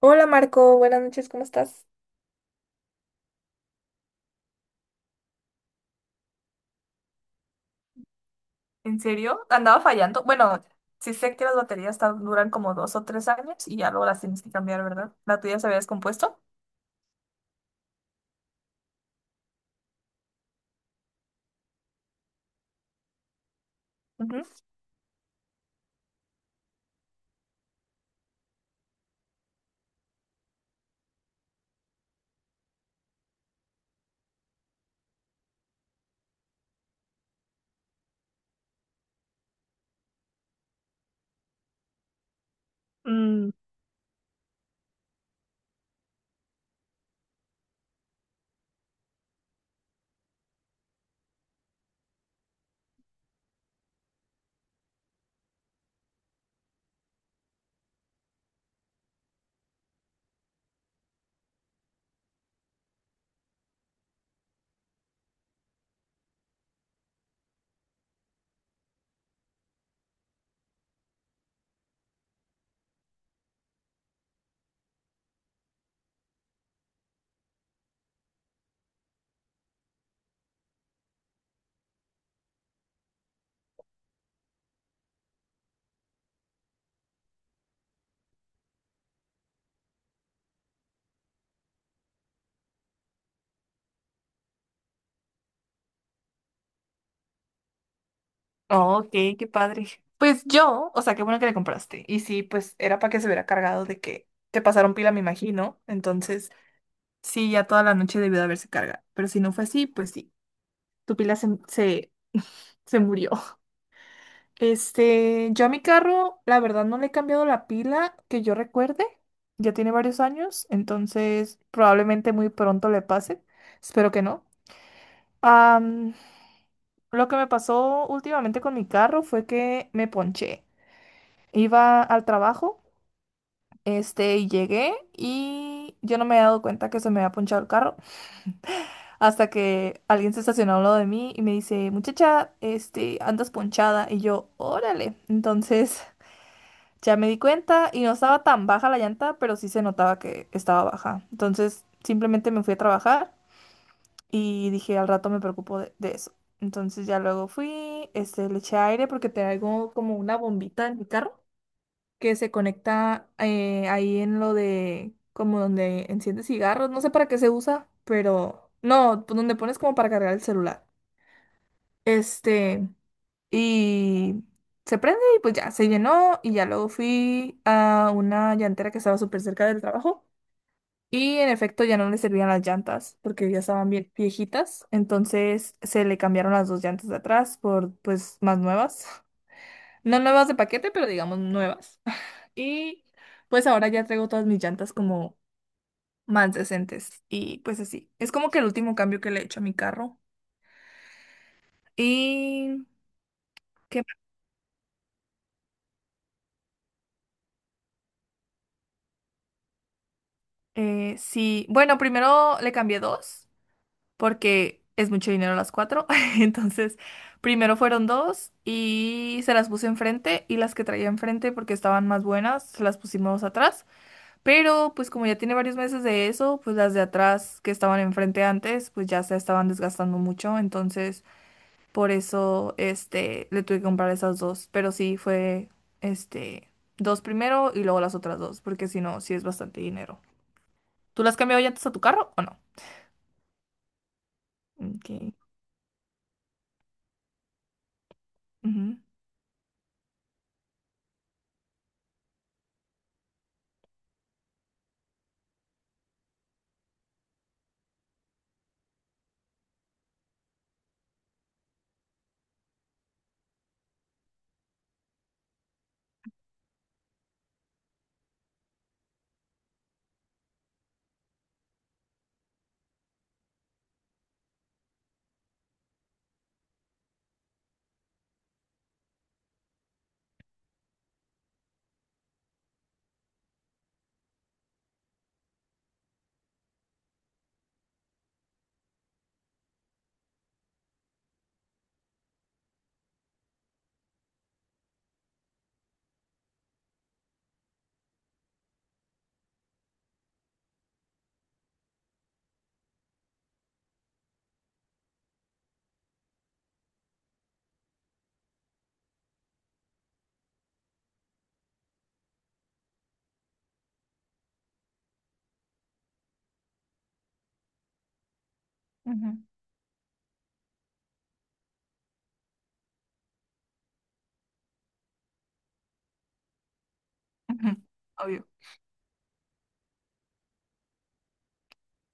Hola Marco, buenas noches, ¿cómo estás? ¿En serio? Andaba fallando. Bueno, sí sé que las baterías duran como 2 o 3 años y ya luego las tienes que cambiar, ¿verdad? ¿La tuya se había descompuesto? Ujú. Mm, oh, ok, qué padre. Pues yo, o sea, qué bueno que le compraste. Y sí, pues era para que se hubiera cargado de que te pasaron pila, me imagino. Entonces, sí, ya toda la noche debió de haberse cargado. Pero si no fue así, pues sí, tu pila se murió. Este, yo a mi carro, la verdad, no le he cambiado la pila que yo recuerde. Ya tiene varios años, entonces probablemente muy pronto le pase. Espero que no. Am, lo que me pasó últimamente con mi carro fue que me ponché. Iba al trabajo, este, y llegué y yo no me había dado cuenta que se me había ponchado el carro hasta que alguien se estacionó al lado de mí y me dice, muchacha, este, andas ponchada. Y yo, órale. Entonces. Ya me di cuenta y no estaba tan baja la llanta, pero sí se notaba que estaba baja. Entonces simplemente me fui a trabajar y dije al rato me preocupo de eso. Entonces ya luego fui, este, le eché aire porque traigo como una bombita en mi carro que se conecta ahí en lo de como donde enciende cigarros. No sé para qué se usa, pero no, pues donde pones como para cargar el celular. Este. Y se prende y pues ya se llenó y ya luego fui a una llantera que estaba súper cerca del trabajo y en efecto ya no le servían las llantas porque ya estaban bien viejitas, entonces se le cambiaron las dos llantas de atrás por pues más nuevas, no nuevas de paquete, pero digamos nuevas. Y pues ahora ya traigo todas mis llantas como más decentes y pues así. Es como que el último cambio que le he hecho a mi carro. Y. ¿Qué más? Sí, bueno, primero le cambié dos, porque es mucho dinero las cuatro. Entonces, primero fueron dos y se las puse enfrente y las que traía enfrente porque estaban más buenas, se las pusimos atrás. Pero pues como ya tiene varios meses de eso, pues las de atrás que estaban enfrente antes, pues ya se estaban desgastando mucho. Entonces, por eso, este, le tuve que comprar esas dos. Pero sí fue, este, dos primero y luego las otras dos, porque si no, sí es bastante dinero. ¿Tú las has cambiado ya antes a tu carro o no? Ok. Ujú. Ujú. Ujú, obvio.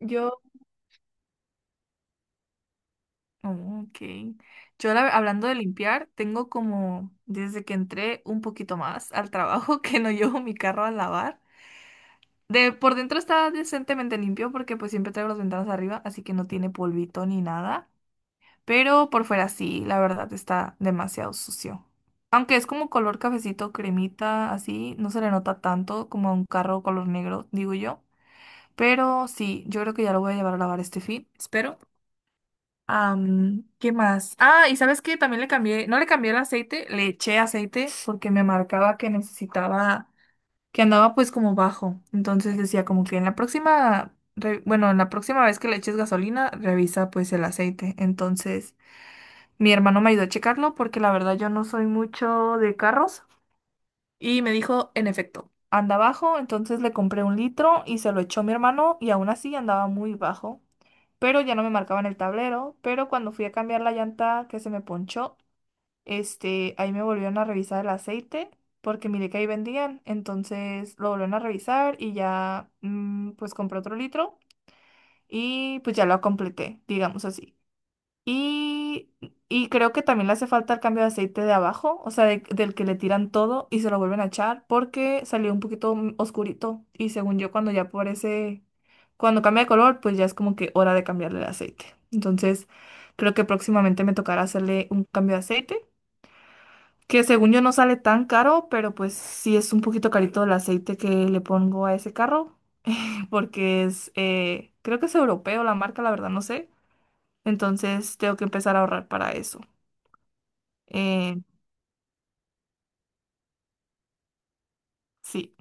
Yo, oh, ok. Yo hablando de limpiar, tengo como desde que entré un poquito más al trabajo que no llevo mi carro a lavar. De por dentro está decentemente limpio porque pues siempre traigo las ventanas arriba, así que no tiene polvito ni nada. Pero por fuera sí, la verdad está demasiado sucio. Aunque es como color cafecito, cremita, así, no se le nota tanto como a un carro color negro, digo yo. Pero sí, yo creo que ya lo voy a llevar a lavar este fin, espero. ¿Qué más? Ah, y sabes que también le cambié, no le cambié el aceite, le eché aceite porque me marcaba que necesitaba, que andaba pues como bajo. Entonces decía como que en la próxima, bueno, en la próxima vez que le eches gasolina, revisa pues el aceite. Entonces mi hermano me ayudó a checarlo porque la verdad yo no soy mucho de carros y me dijo, en efecto, anda bajo. Entonces le compré 1 litro y se lo echó mi hermano y aún así andaba muy bajo pero ya no me marcaban el tablero, pero cuando fui a cambiar la llanta que se me ponchó, este, ahí me volvieron a revisar el aceite porque miré que ahí vendían, entonces lo volvieron a revisar y ya pues compré otro litro y pues ya lo completé, digamos así. Y, y creo que también le hace falta el cambio de aceite de abajo, o sea, del que le tiran todo y se lo vuelven a echar porque salió un poquito oscurito. Y según yo, cuando ya aparece, cuando cambia de color, pues ya es como que hora de cambiarle el aceite. Entonces, creo que próximamente me tocará hacerle un cambio de aceite, que según yo no sale tan caro, pero pues sí es un poquito carito el aceite que le pongo a ese carro, porque es, creo que es europeo la marca, la verdad, no sé. Entonces, tengo que empezar a ahorrar para eso. Eh, sí,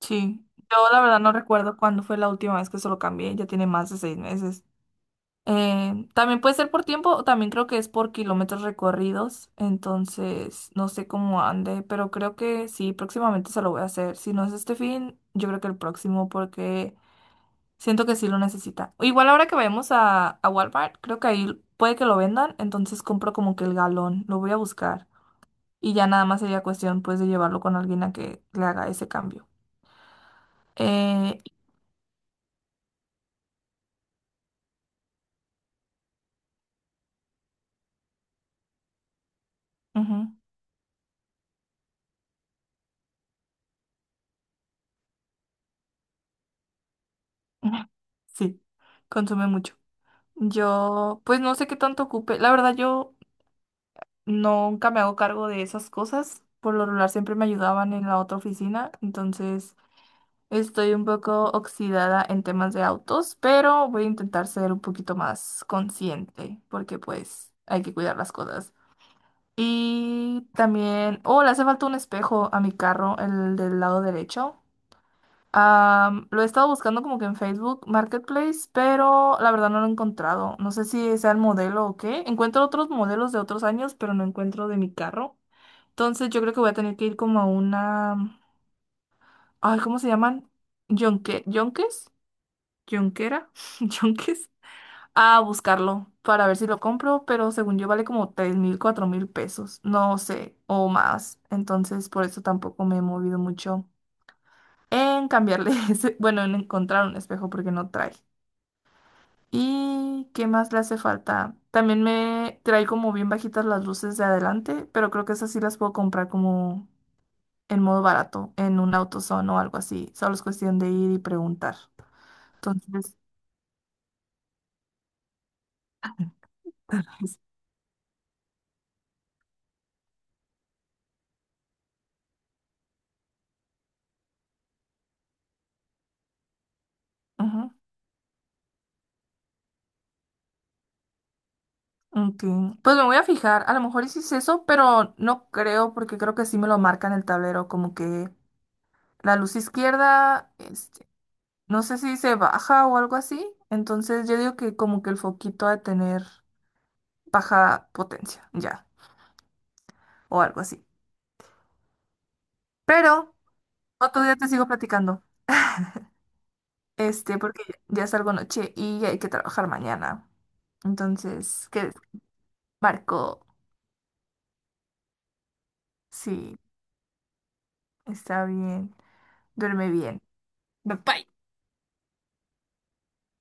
sí. Yo la verdad no recuerdo cuándo fue la última vez que se lo cambié, ya tiene más de 6 meses. También puede ser por tiempo, o también creo que es por kilómetros recorridos, entonces no sé cómo ande, pero creo que sí, próximamente se lo voy a hacer. Si no es este fin, yo creo que el próximo, porque siento que sí lo necesita. Igual ahora que vayamos a Walmart, creo que ahí puede que lo vendan, entonces compro como que el galón, lo voy a buscar. Y ya nada más sería cuestión pues de llevarlo con alguien a que le haga ese cambio. Eh, Ujú. Sí, consume mucho. Yo, pues no sé qué tanto ocupe. La verdad, yo nunca me hago cargo de esas cosas. Por lo regular siempre me ayudaban en la otra oficina. Entonces, estoy un poco oxidada en temas de autos, pero voy a intentar ser un poquito más consciente, porque pues hay que cuidar las cosas. Y también, oh, le hace falta un espejo a mi carro, el del lado derecho. Lo he estado buscando como que en Facebook Marketplace, pero la verdad no lo he encontrado. No sé si sea el modelo o qué. Encuentro otros modelos de otros años, pero no encuentro de mi carro. Entonces yo creo que voy a tener que ir como a una. Ay, ¿cómo se llaman? Yonque. ¿Yonques? ¿Yonquera? ¿Yonques? A buscarlo para ver si lo compro, pero según yo vale como 3,000, 4,000 pesos. No sé, o más. Entonces por eso tampoco me he movido mucho en cambiarle ese, bueno, en encontrar un espejo porque no trae. ¿Y qué más le hace falta? También me trae como bien bajitas las luces de adelante, pero creo que esas sí las puedo comprar como en modo barato, en un AutoZone o algo así. Solo es cuestión de ir y preguntar. Entonces, es- ujú, ok. Pues me voy a fijar. A lo mejor hiciste eso, pero no creo porque creo que sí me lo marca en el tablero, como que la luz izquierda, este, no sé si se baja o algo así. Entonces yo digo que como que el foquito ha de tener baja potencia, ya, o algo así. Pero otro día te sigo platicando, este, porque ya salgo noche y hay que trabajar mañana. Entonces, que Marco, sí, está bien, duerme bien. Bye. Bye.